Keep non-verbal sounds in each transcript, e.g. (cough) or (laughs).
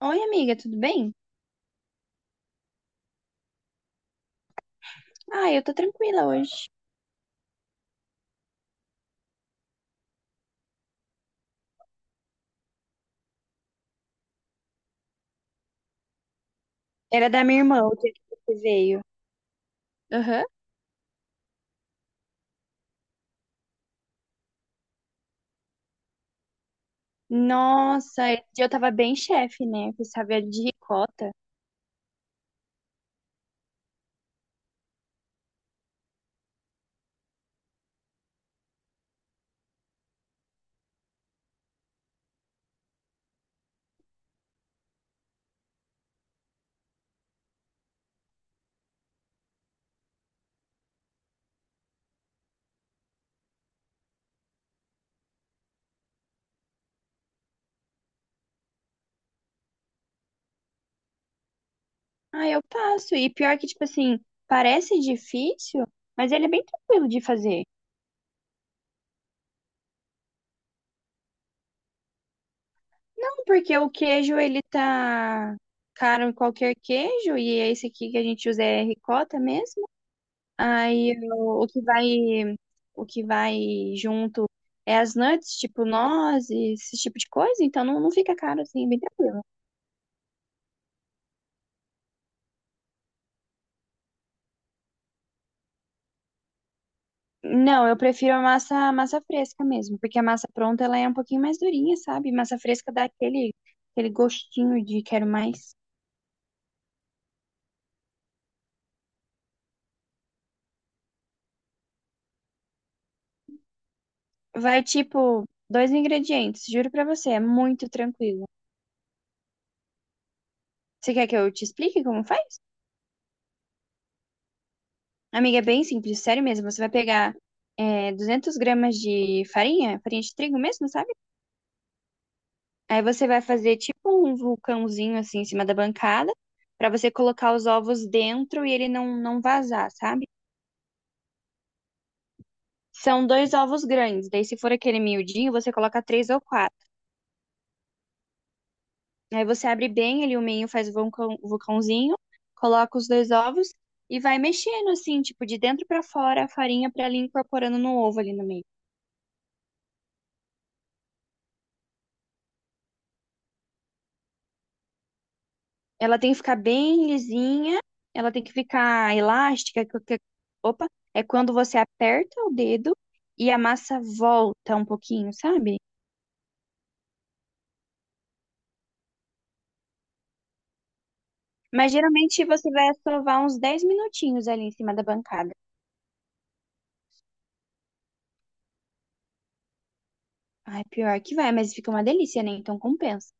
Oi, amiga, tudo bem? Ah, eu tô tranquila hoje. Era da minha irmã o dia que você veio. Aham. Nossa, esse dia eu tava bem chefe, né? Com essa velha de ricota. Ah, eu passo. E pior que, tipo assim, parece difícil, mas ele é bem tranquilo de fazer. Não, porque o queijo, ele tá caro em qualquer queijo, e esse aqui que a gente usa é ricota mesmo. Aí o que vai junto é as nuts, tipo nozes, esse tipo de coisa, então não fica caro assim, é bem tranquilo. Não, eu prefiro a massa fresca mesmo, porque a massa pronta ela é um pouquinho mais durinha, sabe? Massa fresca dá aquele gostinho de quero mais. Vai tipo dois ingredientes, juro pra você, é muito tranquilo. Você quer que eu te explique como faz? Amiga, é bem simples, sério mesmo. Você vai pegar 200 gramas de farinha, farinha de trigo mesmo, sabe? Aí você vai fazer tipo um vulcãozinho assim em cima da bancada, pra você colocar os ovos dentro e ele não vazar, sabe? São dois ovos grandes, daí se for aquele miudinho, você coloca três ou quatro. Aí você abre bem ele, o meio faz o vulcão, o vulcãozinho, coloca os dois ovos e vai mexendo assim, tipo de dentro pra fora a farinha pra ela ir incorporando no ovo ali no meio. Ela tem que ficar bem lisinha, ela tem que ficar elástica, opa, é quando você aperta o dedo e a massa volta um pouquinho, sabe? Mas geralmente você vai sovar uns 10 minutinhos ali em cima da bancada. Ai, pior que vai, mas fica uma delícia, né? Então compensa.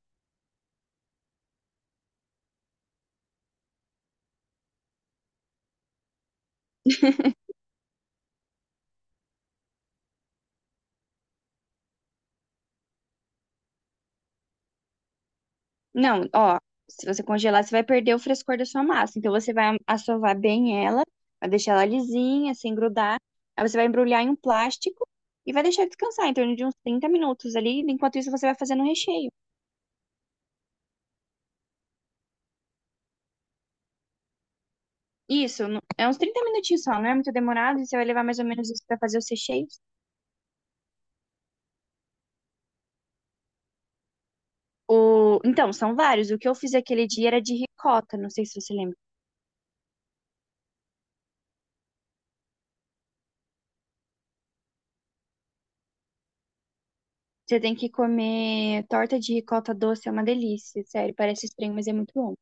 Não, ó, se você congelar, você vai perder o frescor da sua massa. Então você vai assovar bem ela, vai deixar ela lisinha, sem grudar. Aí você vai embrulhar em um plástico e vai deixar descansar em torno de uns 30 minutos ali. Enquanto isso, você vai fazendo o recheio. Isso, no- é uns 30 minutinhos só, não é muito demorado. E você vai levar mais ou menos isso pra fazer os recheios. O... Então, são vários. O que eu fiz aquele dia era de ricota, não sei se você lembra. Você tem que comer torta de ricota doce, é uma delícia, sério. Parece estranho, mas é muito bom.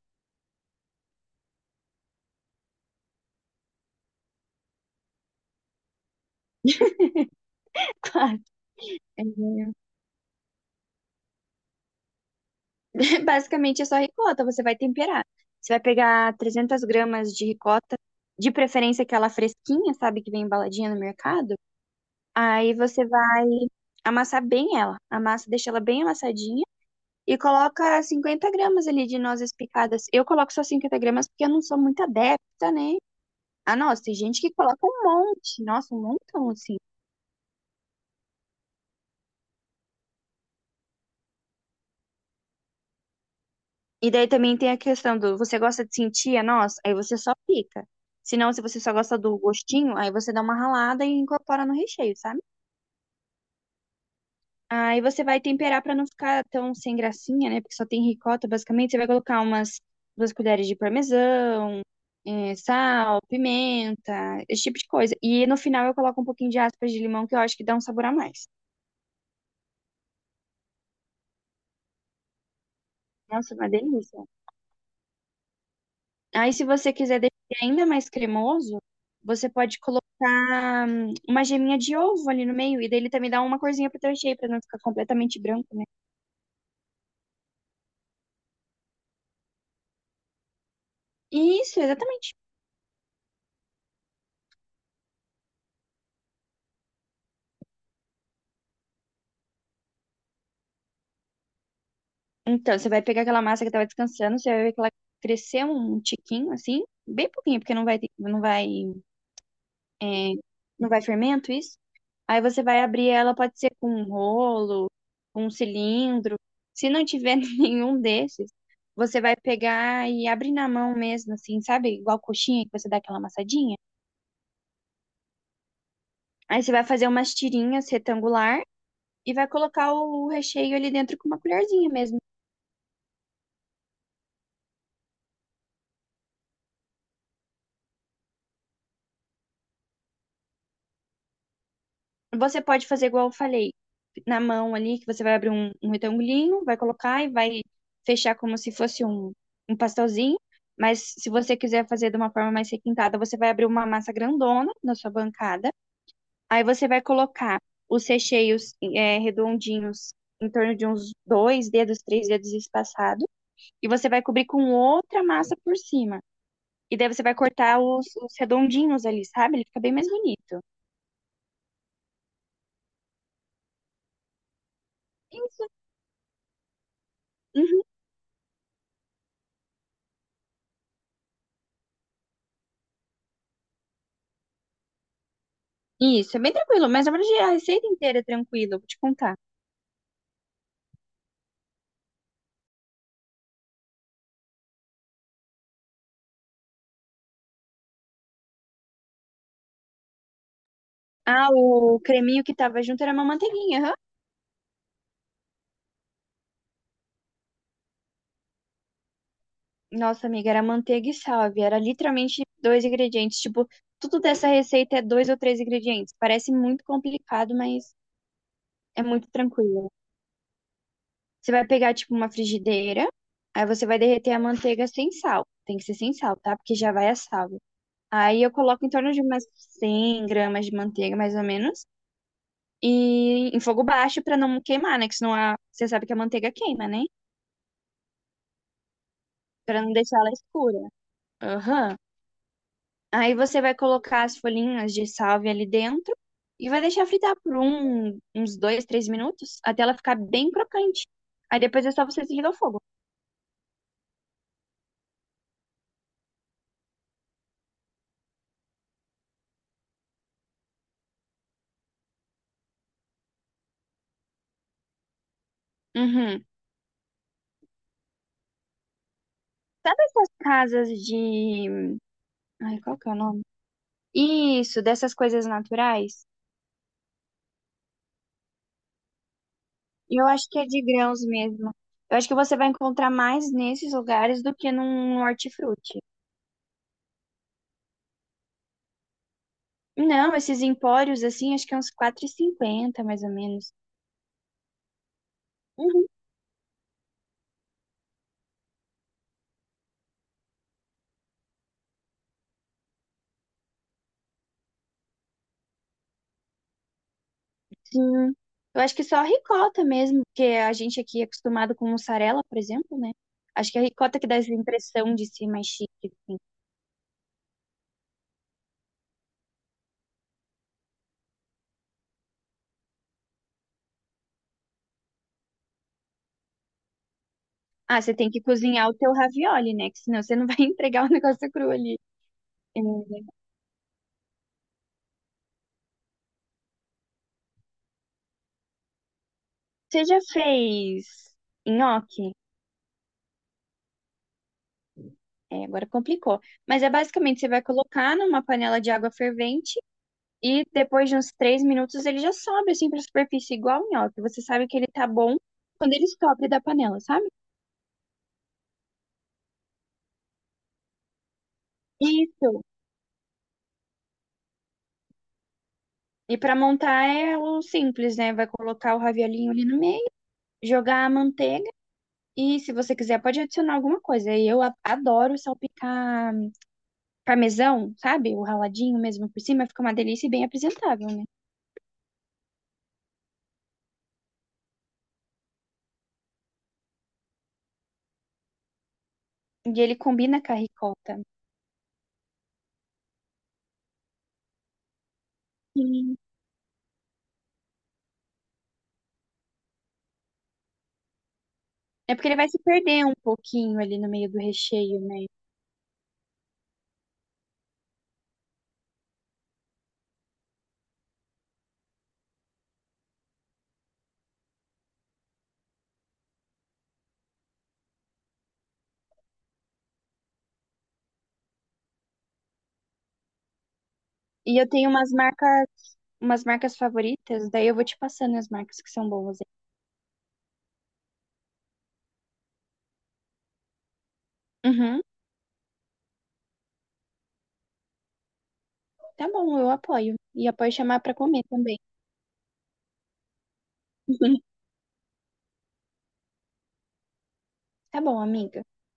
(laughs) É É, basicamente é só ricota, você vai temperar. Você vai pegar 300 gramas de ricota, de preferência aquela fresquinha, sabe, que vem embaladinha no mercado. Aí você vai amassar bem ela. Amassa, deixa ela bem amassadinha e coloca 50 gramas ali de nozes picadas. Eu coloco só 50 gramas porque eu não sou muito adepta, né? Ah, nossa, tem gente que coloca um monte. Nossa, um montão, assim. E daí também tem a questão do você gosta de sentir a noz? Aí você só pica. Se não, se você só gosta do gostinho, aí você dá uma ralada e incorpora no recheio, sabe? Aí você vai temperar pra não ficar tão sem gracinha, né? Porque só tem ricota, basicamente. Você vai colocar umas duas colheres de parmesão, sal, pimenta, esse tipo de coisa. E no final eu coloco um pouquinho de aspas de limão, que eu acho que dá um sabor a mais. Nossa, uma delícia. Aí, se você quiser deixar ele ainda mais cremoso, você pode colocar uma geminha de ovo ali no meio, e daí ele também dá uma corzinha pro teu recheio, pra não ficar completamente branco, né? Isso, exatamente. Então, você vai pegar aquela massa que tava descansando, você vai ver que ela cresceu um tiquinho, assim, bem pouquinho, porque não vai, é, não vai fermento, isso. Aí você vai abrir ela, pode ser com um rolo, com um cilindro. Se não tiver (laughs) nenhum desses, você vai pegar e abrir na mão mesmo, assim, sabe? Igual coxinha que você dá aquela amassadinha. Aí você vai fazer umas tirinhas retangular e vai colocar o recheio ali dentro com uma colherzinha mesmo. Você pode fazer igual eu falei, na mão ali, que você vai abrir um, um retangulinho, vai colocar e vai fechar como se fosse um, um pastelzinho. Mas se você quiser fazer de uma forma mais requintada, você vai abrir uma massa grandona na sua bancada. Aí você vai colocar os recheios redondinhos em torno de uns dois dedos, três dedos espaçados. E você vai cobrir com outra massa por cima. E daí você vai cortar os redondinhos ali, sabe? Ele fica bem mais bonito. Isso. Uhum. Isso, é bem tranquilo, mas na verdade a receita inteira é tranquila, eu vou te contar. Ah, o creminho que tava junto era uma manteiguinha, aham. Nossa, amiga, era manteiga e salve, era literalmente dois ingredientes, tipo, tudo dessa receita é dois ou três ingredientes. Parece muito complicado, mas é muito tranquilo. Você vai pegar, tipo, uma frigideira, aí você vai derreter a manteiga sem sal. Tem que ser sem sal, tá? Porque já vai a salve. Aí eu coloco em torno de umas 100 gramas de manteiga, mais ou menos. E em fogo baixo pra não queimar, né? Que senão a, você sabe que a manteiga queima, né? Pra não deixar ela escura. Aham. Aí você vai colocar as folhinhas de salvia ali dentro e vai deixar fritar por uns dois, três minutos até ela ficar bem crocante. Aí depois é só você desligar o fogo. Uhum. Sabe essas casas de. Ai, qual que é o nome? Isso, dessas coisas naturais? Eu acho que é de grãos mesmo. Eu acho que você vai encontrar mais nesses lugares do que num hortifruti. Não, esses empórios, assim, acho que é uns quatro e cinquenta, mais ou menos. Uhum, sim. Eu acho que só a ricota mesmo, porque a gente aqui é acostumado com mussarela, por exemplo, né? Acho que é a ricota que dá essa impressão de ser mais chique, assim. Ah, você tem que cozinhar o teu ravioli, né? Que senão você não vai (laughs) entregar o negócio cru ali. É. Você já fez nhoque? É, agora complicou. Mas é basicamente, você vai colocar numa panela de água fervente e depois de uns três minutos ele já sobe assim pra superfície, igual o nhoque. Você sabe que ele tá bom quando ele sobe da panela, sabe? Isso. E pra montar é o simples, né? Vai colocar o raviolinho ali no meio, jogar a manteiga e se você quiser pode adicionar alguma coisa. E eu adoro salpicar parmesão, sabe? O raladinho mesmo por cima, fica uma delícia e bem apresentável, né? E ele combina com a ricota. Sim. É porque ele vai se perder um pouquinho ali no meio do recheio, né? E eu tenho umas marcas favoritas, daí eu vou te passando as marcas que são boas. Aí. Uhum, tá bom, eu apoio. E apoio chamar pra comer também. (laughs) Tá bom, amiga.